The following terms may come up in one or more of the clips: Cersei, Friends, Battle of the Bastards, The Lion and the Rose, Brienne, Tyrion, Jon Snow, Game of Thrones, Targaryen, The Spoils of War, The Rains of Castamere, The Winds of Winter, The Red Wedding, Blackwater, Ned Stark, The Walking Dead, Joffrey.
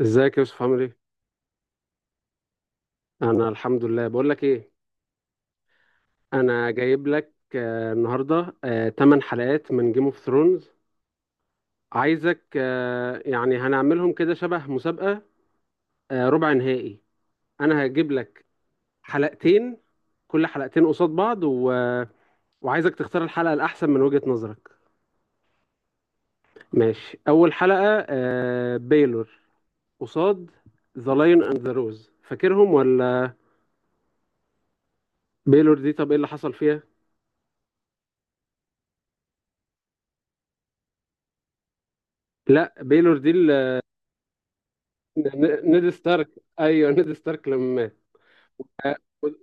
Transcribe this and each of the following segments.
ازيك يا يوسف عامل ايه؟ انا الحمد لله بقول لك ايه. انا جايب لك النهارده 8 حلقات من جيم اوف ثرونز. عايزك، يعني هنعملهم كده شبه مسابقة، ربع نهائي. انا هجيب لك حلقتين، كل حلقتين قصاد بعض وعايزك تختار الحلقة الاحسن من وجهة نظرك. ماشي، اول حلقة بيلور، قصاد ذا لايون اند ذا روز. فاكرهم ولا؟ بيلور دي طب ايه اللي حصل فيها؟ لا بيلور دي. نيد ستارك، ايوه نيد ستارك لما مات.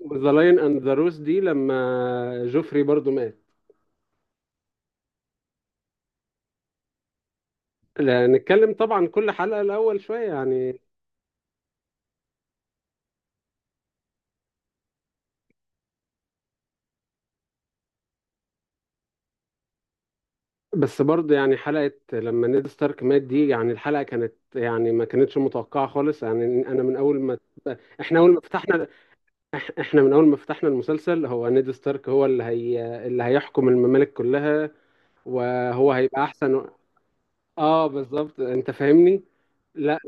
وذا لاين اند ذا روس دي لما جوفري برضو مات. لا، نتكلم طبعا كل حلقة الأول شوية يعني. بس برضه يعني حلقة لما نيد ستارك مات دي، يعني الحلقة كانت يعني ما كانتش متوقعة خالص. يعني أنا من أول ما إحنا أول ما فتحنا إحنا من أول ما فتحنا المسلسل، هو نيد ستارك هو اللي هيحكم الممالك كلها وهو هيبقى أحسن. آه بالظبط، أنت فاهمني؟ لا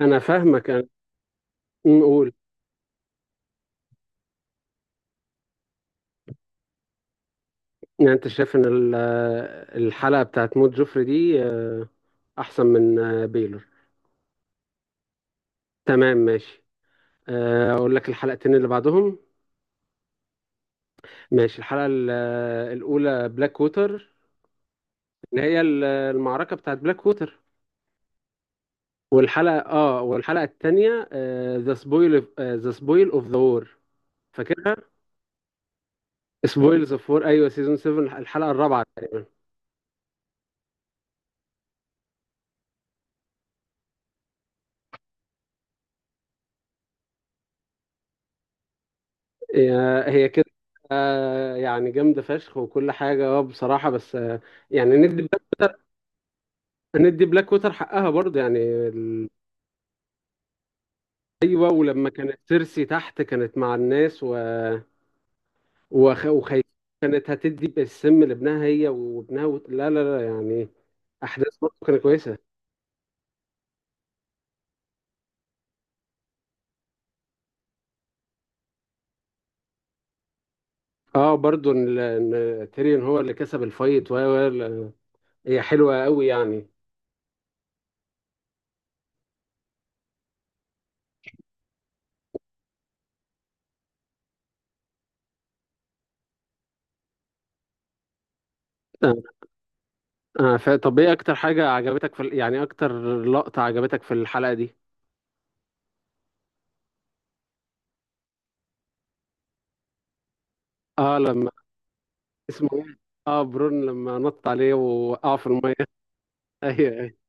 أنا فاهمك أنا. نقول يعني انت شايف ان الحلقة بتاعت موت جوفري دي احسن من بيلور. تمام ماشي، اقول لك الحلقتين اللي بعدهم. ماشي، الحلقة الاولى بلاك ووتر، اللي هي المعركة بتاعت بلاك ووتر. والحلقة التانية، ذا سبويل اوف ذا وور. فاكرها، سبويلز اوف وور، ايوه سيزون 7 الحلقة الرابعة تقريبا. هي كده، يعني جامدة فشخ وكل حاجة اه بصراحة. بس يعني ندي، ندي بلاك ووتر حقها برضه يعني. ال... ايوه ولما كانت سيرسي تحت كانت مع الناس وخايفة. كانت هتدي بالسم لابنها هي وابنها لا لا لا يعني. احداث برضه كانت كويسه. اه برضه ان إن تيريون هو اللي كسب الفايت هي حلوه قوي يعني. آه. طب ايه اكتر حاجه عجبتك في يعني اكتر لقطه عجبتك في الحلقه دي؟ اه لما اسمه ايه، اه برون لما نط عليه ووقعه في الميه. ايوه.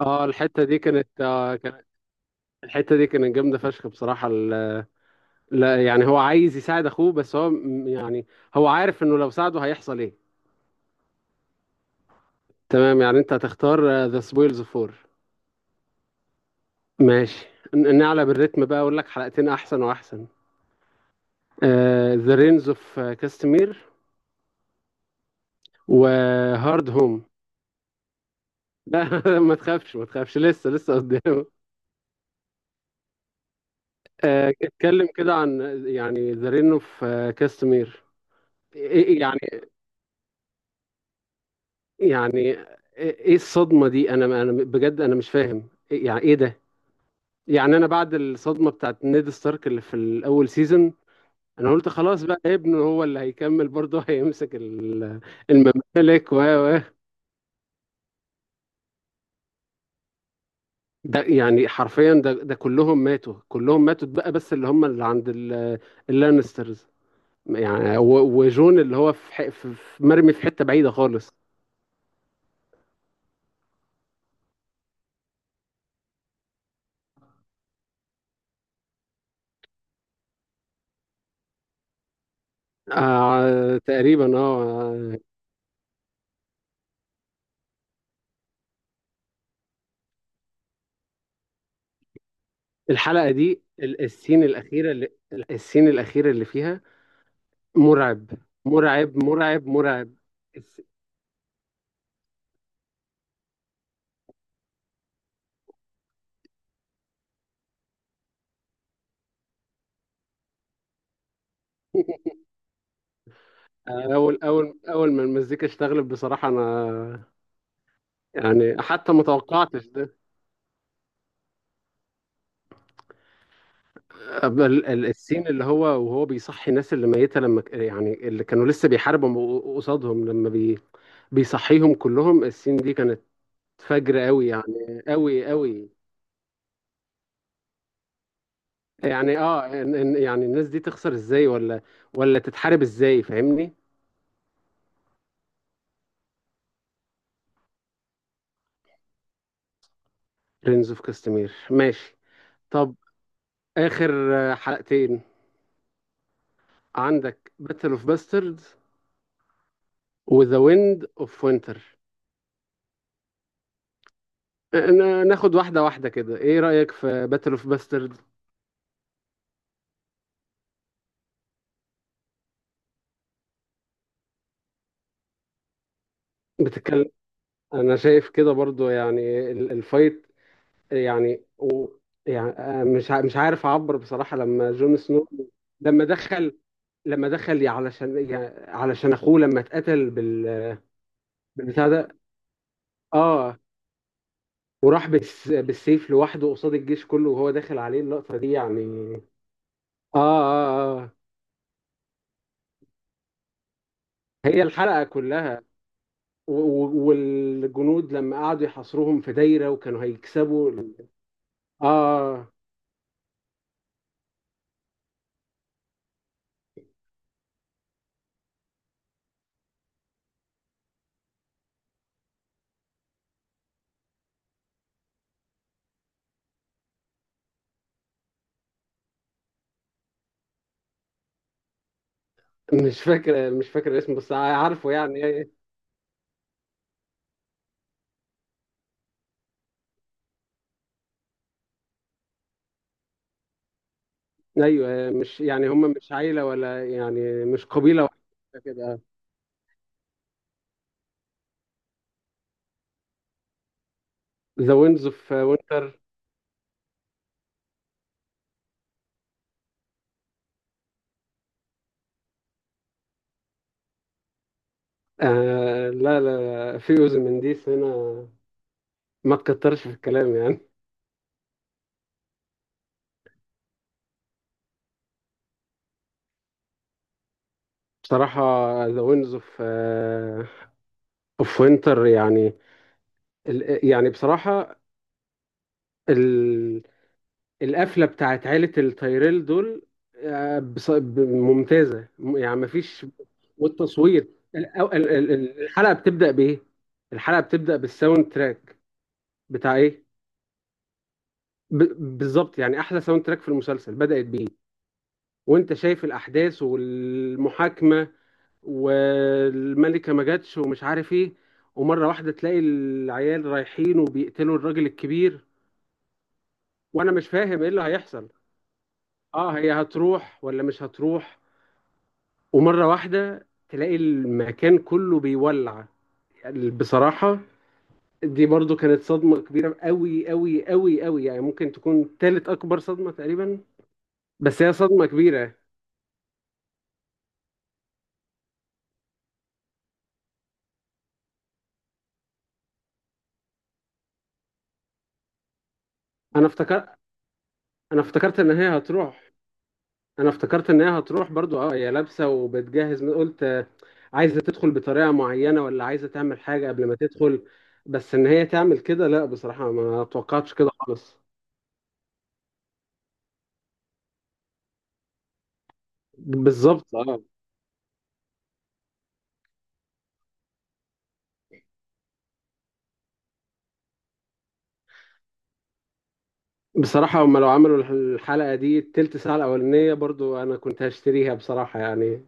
اه الحته دي كانت الحته دي كانت جامده فشخ بصراحه لا يعني هو عايز يساعد اخوه بس هو يعني هو عارف انه لو ساعده هيحصل ايه. تمام، يعني انت هتختار ذا سبويلز فور. ماشي، نعلى بالريتم بقى، اقول لك حلقتين احسن واحسن: ذا رينز اوف كاستمير وهارد هوم. لا ما تخافش ما تخافش، لسه لسه قدامه. اتكلم كده عن يعني ذا رين اوف كاستمير. يعني ايه الصدمة دي؟ انا بجد انا مش فاهم يعني ايه ده. يعني انا بعد الصدمة بتاعت نيد ستارك اللي في الاول سيزون، انا قلت خلاص بقى ابنه هو اللي هيكمل برضه هيمسك الممالك و ده يعني حرفيا ده كلهم ماتوا، كلهم ماتوا بقى بس اللي هم اللي عند اللانسترز. يعني وجون اللي هو في ح- في في- مرمي في حتة بعيدة خالص. آه تقريبا اه. الحلقة دي السين الأخيرة اللي السين الأخيرة اللي فيها، مرعب مرعب مرعب مرعب. الس- أول أول أول ما المزيكا اشتغلت بصراحة أنا يعني حتى ما توقعتش ده. السين اللي هو وهو بيصحي الناس اللي ميتة لما يعني اللي كانوا لسه بيحاربوا قصادهم لما بيصحيهم كلهم، السين دي كانت فجر قوي يعني قوي قوي. يعني اه يعني الناس دي تخسر ازاي ولا ولا تتحارب ازاي، فاهمني؟ برنس اوف كاستمير ماشي. طب اخر حلقتين عندك: باتل اوف باستردز وذا ويند اوف وينتر. ناخد واحده واحده كده، ايه رايك في باتل اوف باستردز؟ بتتكلم. انا شايف كده برضو يعني الفايت يعني يعني مش عارف اعبر بصراحه لما جون سنو لما دخل، لما دخل علشان يعني علشان اخوه لما اتقتل بالبتاع ده، اه وراح بالسيف لوحده قصاد الجيش كله وهو داخل عليه، اللقطة دي يعني آه آه آه. هي الحلقة كلها والجنود لما قعدوا يحاصروهم في دايرة وكانوا هيكسبوا آه آه. مش فاكر مش فاكر اسمه بس عارفه يعني. أيوه مش يعني هم مش عيلة ولا يعني مش قبيلة واحدة كده. ذا ويندز اوف وينتر، آه لا لا، في أذن من ديس هنا، ما تكترش في الكلام يعني. بصراحة ذا ويندز اوف وينتر يعني يعني بصراحة ال... القفلة بتاعت عيلة التايريل دول، ممتازة، يعني مفيش. والتصوير، ال... أو- ال... ال- ال- الحلقة بتبدأ بإيه؟ الحلقة بتبدأ بالساوند تراك بتاع إيه؟ ب... بالظبط يعني أحلى ساوند تراك في المسلسل، بدأت بإيه؟ وأنت شايف الأحداث والمحاكمة والملكة ما جاتش ومش عارف إيه، ومرة واحدة تلاقي العيال رايحين وبيقتلوا الراجل الكبير، وانا مش فاهم ايه اللي هيحصل، اه هي هتروح ولا مش هتروح، ومره واحده تلاقي المكان كله بيولع. يعني بصراحه دي برضو كانت صدمه كبيره قوي قوي قوي قوي، يعني ممكن تكون تالت اكبر صدمه تقريبا. بس هي صدمه كبيره. انا افتكر، انا افتكرت ان هي هتروح، انا افتكرت ان هي هتروح برضو. اه هي لابسه وبتجهز، من قلت عايزه تدخل بطريقه معينه ولا عايزه تعمل حاجه قبل ما تدخل. بس ان هي تعمل كده لا بصراحه ما توقعتش كده خالص. بالظبط اه. بصراحة هم لو عملوا الحلقة دي التلت ساعة الأولانية برضو أنا كنت هشتريها بصراحة يعني.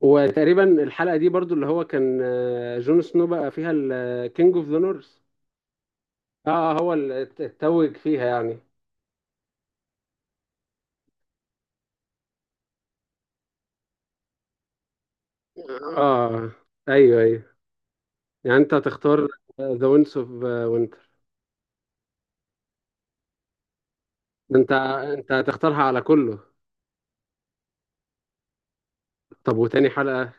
وتقريبا الحلقة دي برضو اللي هو كان جون سنو بقى فيها الكينج اوف ذا نورث. اه هو اللي اتوج فيها يعني. اه ايوه ايوه. يعني انت هتختار ذا وينس اوف وينتر. انت انت هتختارها على كله؟ طب وتاني حلقة؟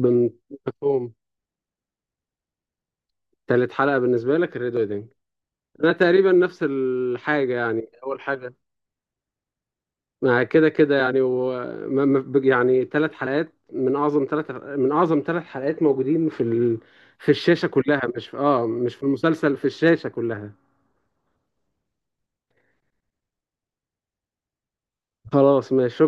بنفهم. تالت حلقة بالنسبة لك الريد ويدنج. انا تقريبا نفس الحاجة يعني اول حاجة، مع كده كده يعني و... ما- ما- ب- يعني 3 حلقات من اعظم من اعظم 3 حلقات موجودين في الشاشة كلها، مش في المسلسل، في الشاشة كلها. خلاص ماشي.